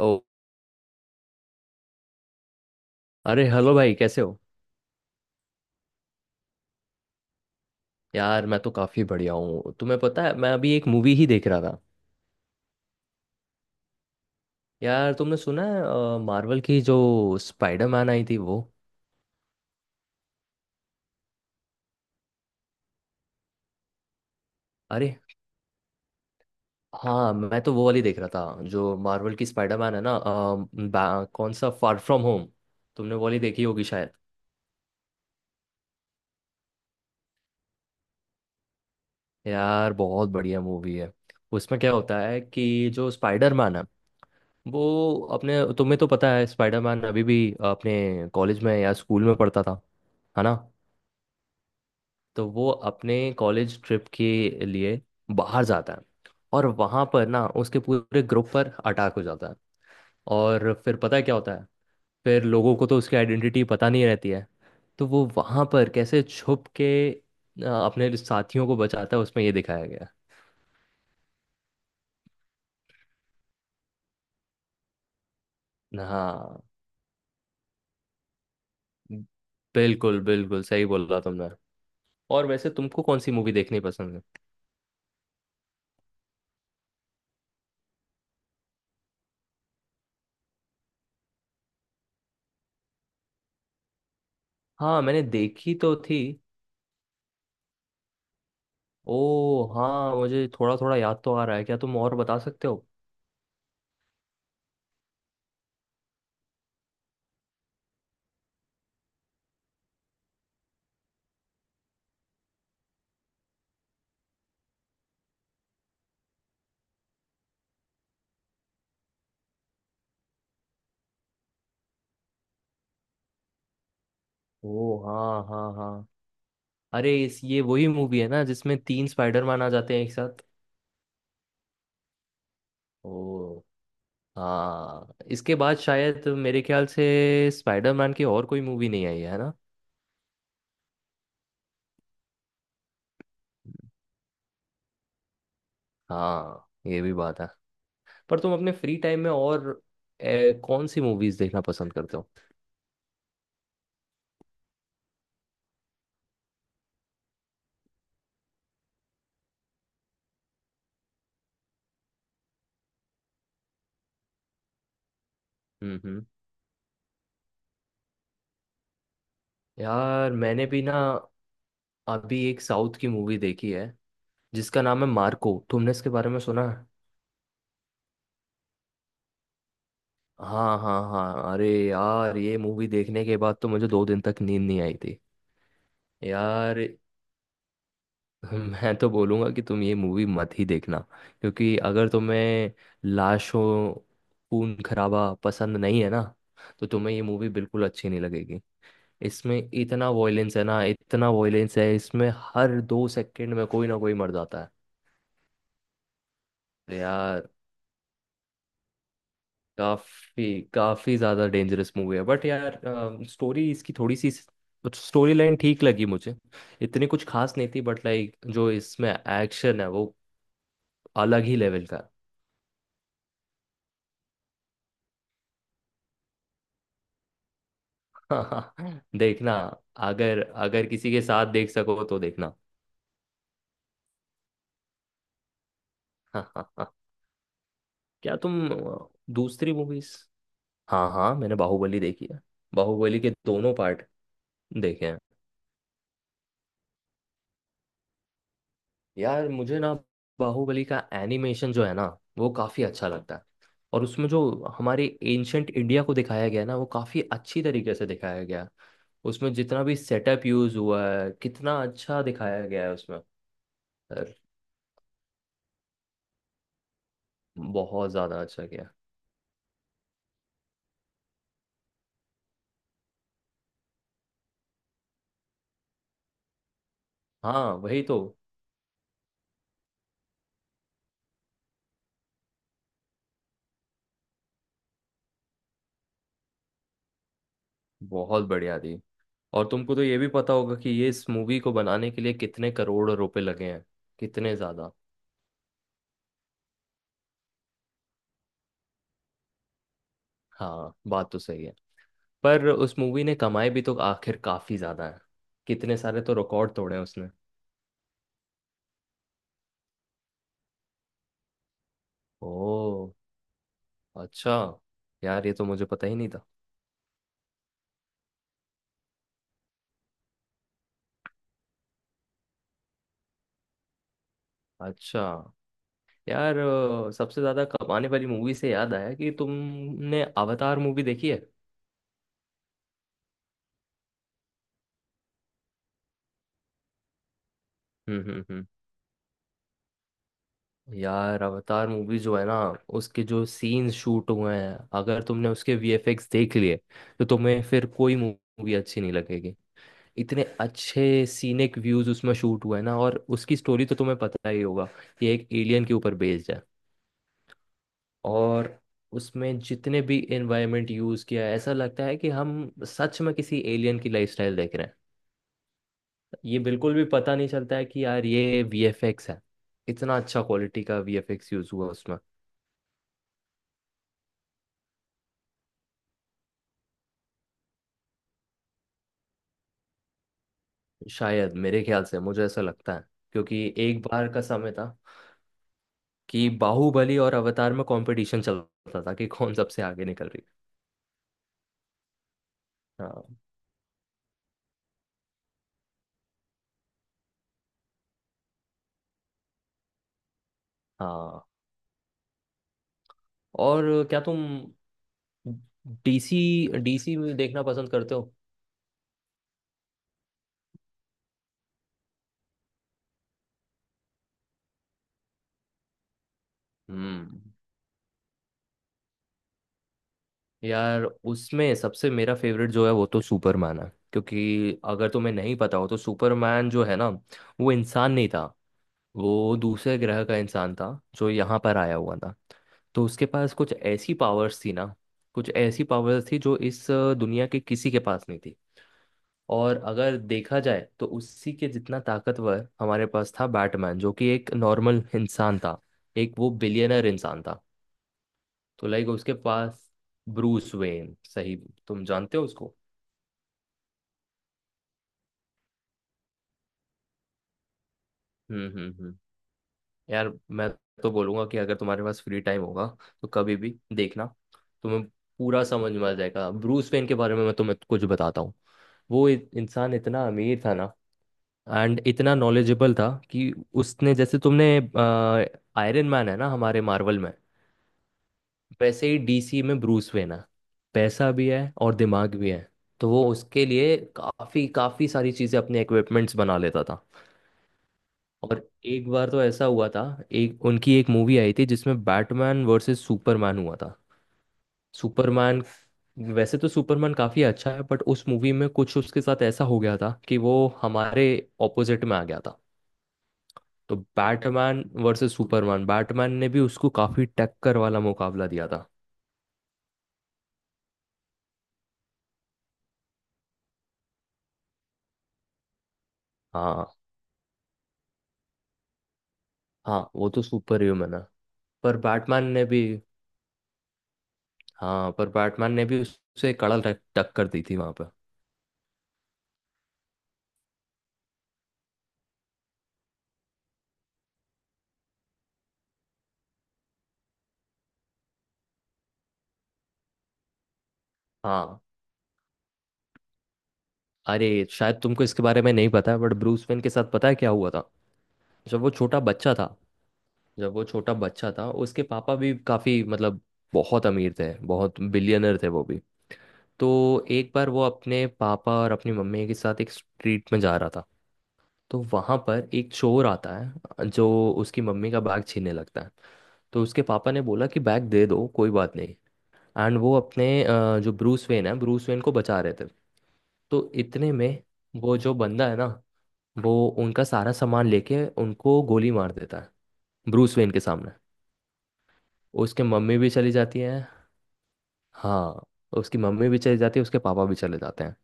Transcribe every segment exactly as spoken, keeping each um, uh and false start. ओ। अरे हेलो भाई, कैसे हो? यार, मैं तो काफ़ी बढ़िया हूँ। तुम्हें पता है, मैं अभी एक मूवी ही देख रहा था। यार, तुमने सुना है मार्वल की जो स्पाइडरमैन आई थी वो? अरे हाँ, मैं तो वो वाली देख रहा था जो मार्वल की स्पाइडरमैन है ना। अ, बा- कौन सा फार फ्रॉम होम? तुमने वो वाली देखी होगी शायद। यार, बहुत बढ़िया मूवी है। उसमें क्या होता है कि जो स्पाइडरमैन है वो अपने तुम्हें तो पता है स्पाइडरमैन अभी भी अपने कॉलेज में या स्कूल में पढ़ता था, है ना? तो वो अपने कॉलेज ट्रिप के लिए बाहर जाता है और वहाँ पर ना उसके पूरे ग्रुप पर अटैक हो जाता है। और फिर पता है क्या होता है? फिर लोगों को तो उसकी आइडेंटिटी पता नहीं रहती है। तो वो वहाँ पर कैसे छुप के अ, अपने साथियों को बचाता है, उसमें ये दिखाया गया है। हाँ। बिल्कुल बिल्कुल सही बोला तुमने। और वैसे तुमको कौन सी मूवी देखनी पसंद है? हाँ, मैंने देखी तो थी। ओ हाँ, मुझे थोड़ा थोड़ा याद तो आ रहा है, क्या तुम और बता सकते हो? ओ हाँ हाँ हाँ। अरे इस ये वही मूवी है ना जिसमें तीन स्पाइडरमैन आ जाते हैं एक साथ? ओ हाँ। इसके बाद शायद मेरे ख्याल से स्पाइडरमैन की और कोई मूवी नहीं आई है ना? हाँ, ये भी बात है। पर तुम अपने फ्री टाइम में और ए, कौन सी मूवीज देखना पसंद करते हो? हम्म। हम्म। यार, मैंने भी ना अभी एक साउथ की मूवी देखी है जिसका नाम है मार्को। तुमने इसके बारे में सुना है? हाँ हाँ हाँ। अरे यार, ये मूवी देखने के बाद तो मुझे दो दिन तक नींद नहीं आई थी। यार, मैं तो बोलूँगा कि तुम ये मूवी मत ही देखना, क्योंकि अगर तुम्हें लाशों, खून खराबा पसंद नहीं है ना, तो तुम्हें ये मूवी बिल्कुल अच्छी नहीं लगेगी। इसमें इतना वॉयलेंस है ना, इतना वॉयलेंस है इसमें, हर दो सेकंड में कोई ना कोई मर जाता है। यार, काफी काफी ज्यादा डेंजरस मूवी है, बट यार स्टोरी इसकी, थोड़ी सी स्टोरी लाइन ठीक लगी मुझे, इतनी कुछ खास नहीं थी, बट लाइक जो इसमें एक्शन है वो अलग ही लेवल का है। हाँ, देखना। अगर अगर किसी के साथ देख सको तो देखना। क्या तुम अ, दूसरी मूवीज? हाँ हाँ, मैंने बाहुबली देखी है। बाहुबली के दोनों पार्ट देखे हैं। यार, मुझे ना बाहुबली का एनिमेशन जो है ना, वो काफ़ी अच्छा लगता है। और उसमें जो हमारे एंशंट इंडिया को दिखाया गया है ना, वो काफ़ी अच्छी तरीके से दिखाया गया है। उसमें जितना भी सेटअप यूज़ हुआ है, कितना अच्छा दिखाया गया है उसमें। यार, बहुत ज़्यादा अच्छा किया। हाँ, वही तो। बहुत बढ़िया थी। और तुमको तो ये भी पता होगा कि ये इस मूवी को बनाने के लिए कितने करोड़ रुपए लगे हैं, कितने ज़्यादा। हाँ, बात तो सही है। पर उस मूवी ने कमाए भी तो आखिर काफी ज्यादा है। कितने सारे तो रिकॉर्ड तोड़े हैं उसने। ओ, अच्छा। यार, ये तो मुझे पता ही नहीं था। अच्छा। यार, अ, सबसे ज्यादा कमाने वाली मूवी से याद आया कि तुमने अवतार मूवी देखी है? हम्म। हम्म। हम्म। यार, अवतार मूवी जो है ना, उसके जो सीन्स शूट हुए हैं, अगर तुमने उसके वीएफएक्स देख लिए, तो तुम्हें फिर कोई मूवी अच्छी नहीं लगेगी। इतने अच्छे सीनिक व्यूज उसमें शूट हुए हैं ना, और उसकी स्टोरी तो तुम्हें पता ही होगा कि एक एलियन के ऊपर बेस्ड है। और उसमें जितने भी एनवायरनमेंट यूज किया है, ऐसा लगता है कि हम सच में किसी एलियन की लाइफस्टाइल देख रहे हैं। ये बिल्कुल भी पता नहीं चलता है कि यार ये वीएफएक्स है। इतना अच्छा क्वालिटी का वीएफएक्स यूज हुआ उसमें। शायद मेरे ख्याल से मुझे ऐसा लगता है। क्योंकि एक बार का समय था कि बाहुबली और अवतार में कंपटीशन चलता था कि कौन सबसे आगे निकल रही है। हाँ। हाँ। और क्या तुम डीसी डीसी में देखना पसंद करते हो? हम्म। यार, उसमें सबसे मेरा फेवरेट जो है वो तो सुपरमैन है। क्योंकि अगर तुम्हें नहीं पता हो तो सुपरमैन जो है ना, वो इंसान नहीं था। वो दूसरे ग्रह का इंसान था जो यहाँ पर आया हुआ था। तो उसके पास कुछ ऐसी पावर्स थी ना, कुछ ऐसी पावर्स थी जो इस अ, दुनिया के किसी के पास नहीं थी। और अगर देखा जाए तो उसी के जितना ताकतवर हमारे पास था बैटमैन, जो कि एक नॉर्मल इंसान था। एक वो बिलियनर इंसान था। तो लाइक उसके पास ब्रूस वेन सही। तुम जानते हो उसको? हम्म। हम्म। हम्म। यार, मैं तो बोलूंगा कि अगर तुम्हारे पास फ्री टाइम होगा तो कभी भी देखना। तुम्हें पूरा समझ में आ जाएगा। ब्रूस वेन के बारे में मैं तुम्हें कुछ बताता हूँ। वो इ- इंसान इतना अमीर था ना, एंड इतना नॉलेजेबल था कि उसने जैसे तुमने आयरन मैन है ना हमारे मार्वल में, वैसे ही डीसी में ब्रूस वेन है। पैसा भी है और दिमाग भी है। तो वो उसके लिए काफ़ी काफ़ी सारी चीज़ें अपने इक्विपमेंट्स बना लेता था। और एक बार तो ऐसा हुआ था, एक उनकी एक मूवी आई थी जिसमें बैटमैन वर्सेस सुपरमैन हुआ था। सुपरमैन, वैसे तो सुपरमैन काफ़ी अच्छा है, बट उस मूवी में कुछ उसके साथ ऐसा हो गया था कि वो हमारे ऑपोजिट में आ गया था। तो बैटमैन वर्सेस सुपरमैन, बैटमैन ने भी उसको काफी टक्कर वाला मुकाबला दिया था। हाँ। हाँ, वो तो सुपर ह्यूमन है। पर बैटमैन ने भी हाँ, पर बैटमैन ने भी उससे कड़ा टक- टक्कर दी थी वहां पर। हाँ। अरे शायद तुमको इसके बारे में नहीं पता है, बट ब्रूस वेन के साथ पता है क्या हुआ था? जब वो छोटा बच्चा था जब वो छोटा बच्चा था उसके पापा भी काफी, मतलब बहुत अमीर थे, बहुत बिलियनर थे वो भी। तो एक बार वो अपने पापा और अपनी मम्मी के साथ एक स्ट्रीट में जा रहा था। तो वहां पर एक चोर आता है जो उसकी मम्मी का बैग छीनने लगता है। तो उसके पापा ने बोला कि बैग दे दो, कोई बात नहीं। एंड वो अपने अ, जो ब्रूस वेन है, ब्रूस वेन को बचा रहे थे। तो इतने में वो जो बंदा है ना, वो उनका सारा सामान लेके उनको गोली मार देता है, ब्रूस वेन के सामने। उसके मम्मी भी चली जाती है। हाँ। उसकी मम्मी भी चली जाती है, उसके पापा भी चले जाते हैं।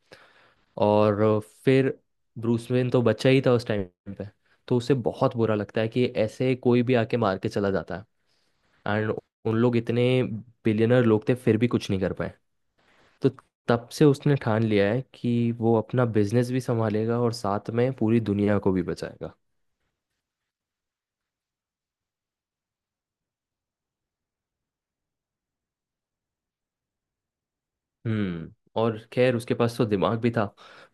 और फिर ब्रूस वेन तो बच्चा ही था उस टाइम पे। तो उसे बहुत बुरा लगता है कि ऐसे कोई भी आके मार के चला जाता है। एंड उन लोग इतने बिलियनर लोग थे, फिर भी कुछ नहीं कर पाए। तो तब से उसने ठान लिया है कि वो अपना बिजनेस भी संभालेगा और साथ में पूरी दुनिया को भी बचाएगा। हम्म। और खैर उसके पास तो दिमाग भी था।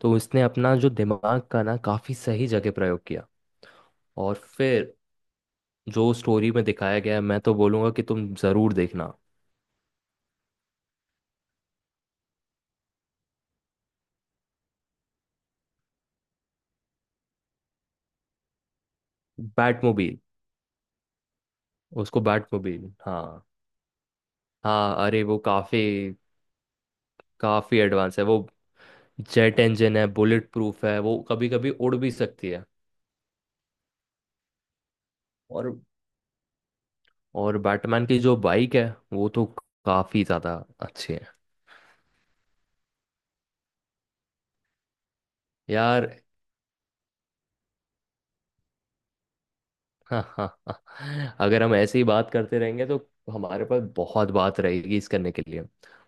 तो उसने अपना जो दिमाग का ना काफ़ी सही जगह प्रयोग किया। और फिर जो स्टोरी में दिखाया गया है, मैं तो बोलूँगा कि तुम ज़रूर देखना। बैटमोबील। उसको बैट को भी। हाँ। हाँ, अरे वो काफी काफी एडवांस है वो। जेट इंजन है, बुलेट प्रूफ है, वो कभी कभी उड़ भी सकती है। और और बैटमैन की जो बाइक है वो तो काफी ज्यादा अच्छी है। यार, हाँ हाँ हाँ, अगर हम ऐसे ही बात करते रहेंगे तो हमारे पास बहुत बात रहेगी इस करने के लिए।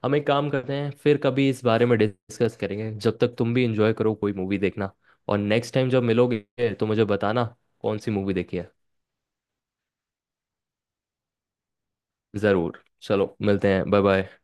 हम एक काम करते हैं, फिर कभी इस बारे में डिस्कस करेंगे, जब तक तुम भी इंजॉय करो, कोई मूवी देखना। और नेक्स्ट टाइम जब मिलोगे तो मुझे बताना कौन सी मूवी देखी है। ज़रूर, चलो मिलते हैं। Bye bye.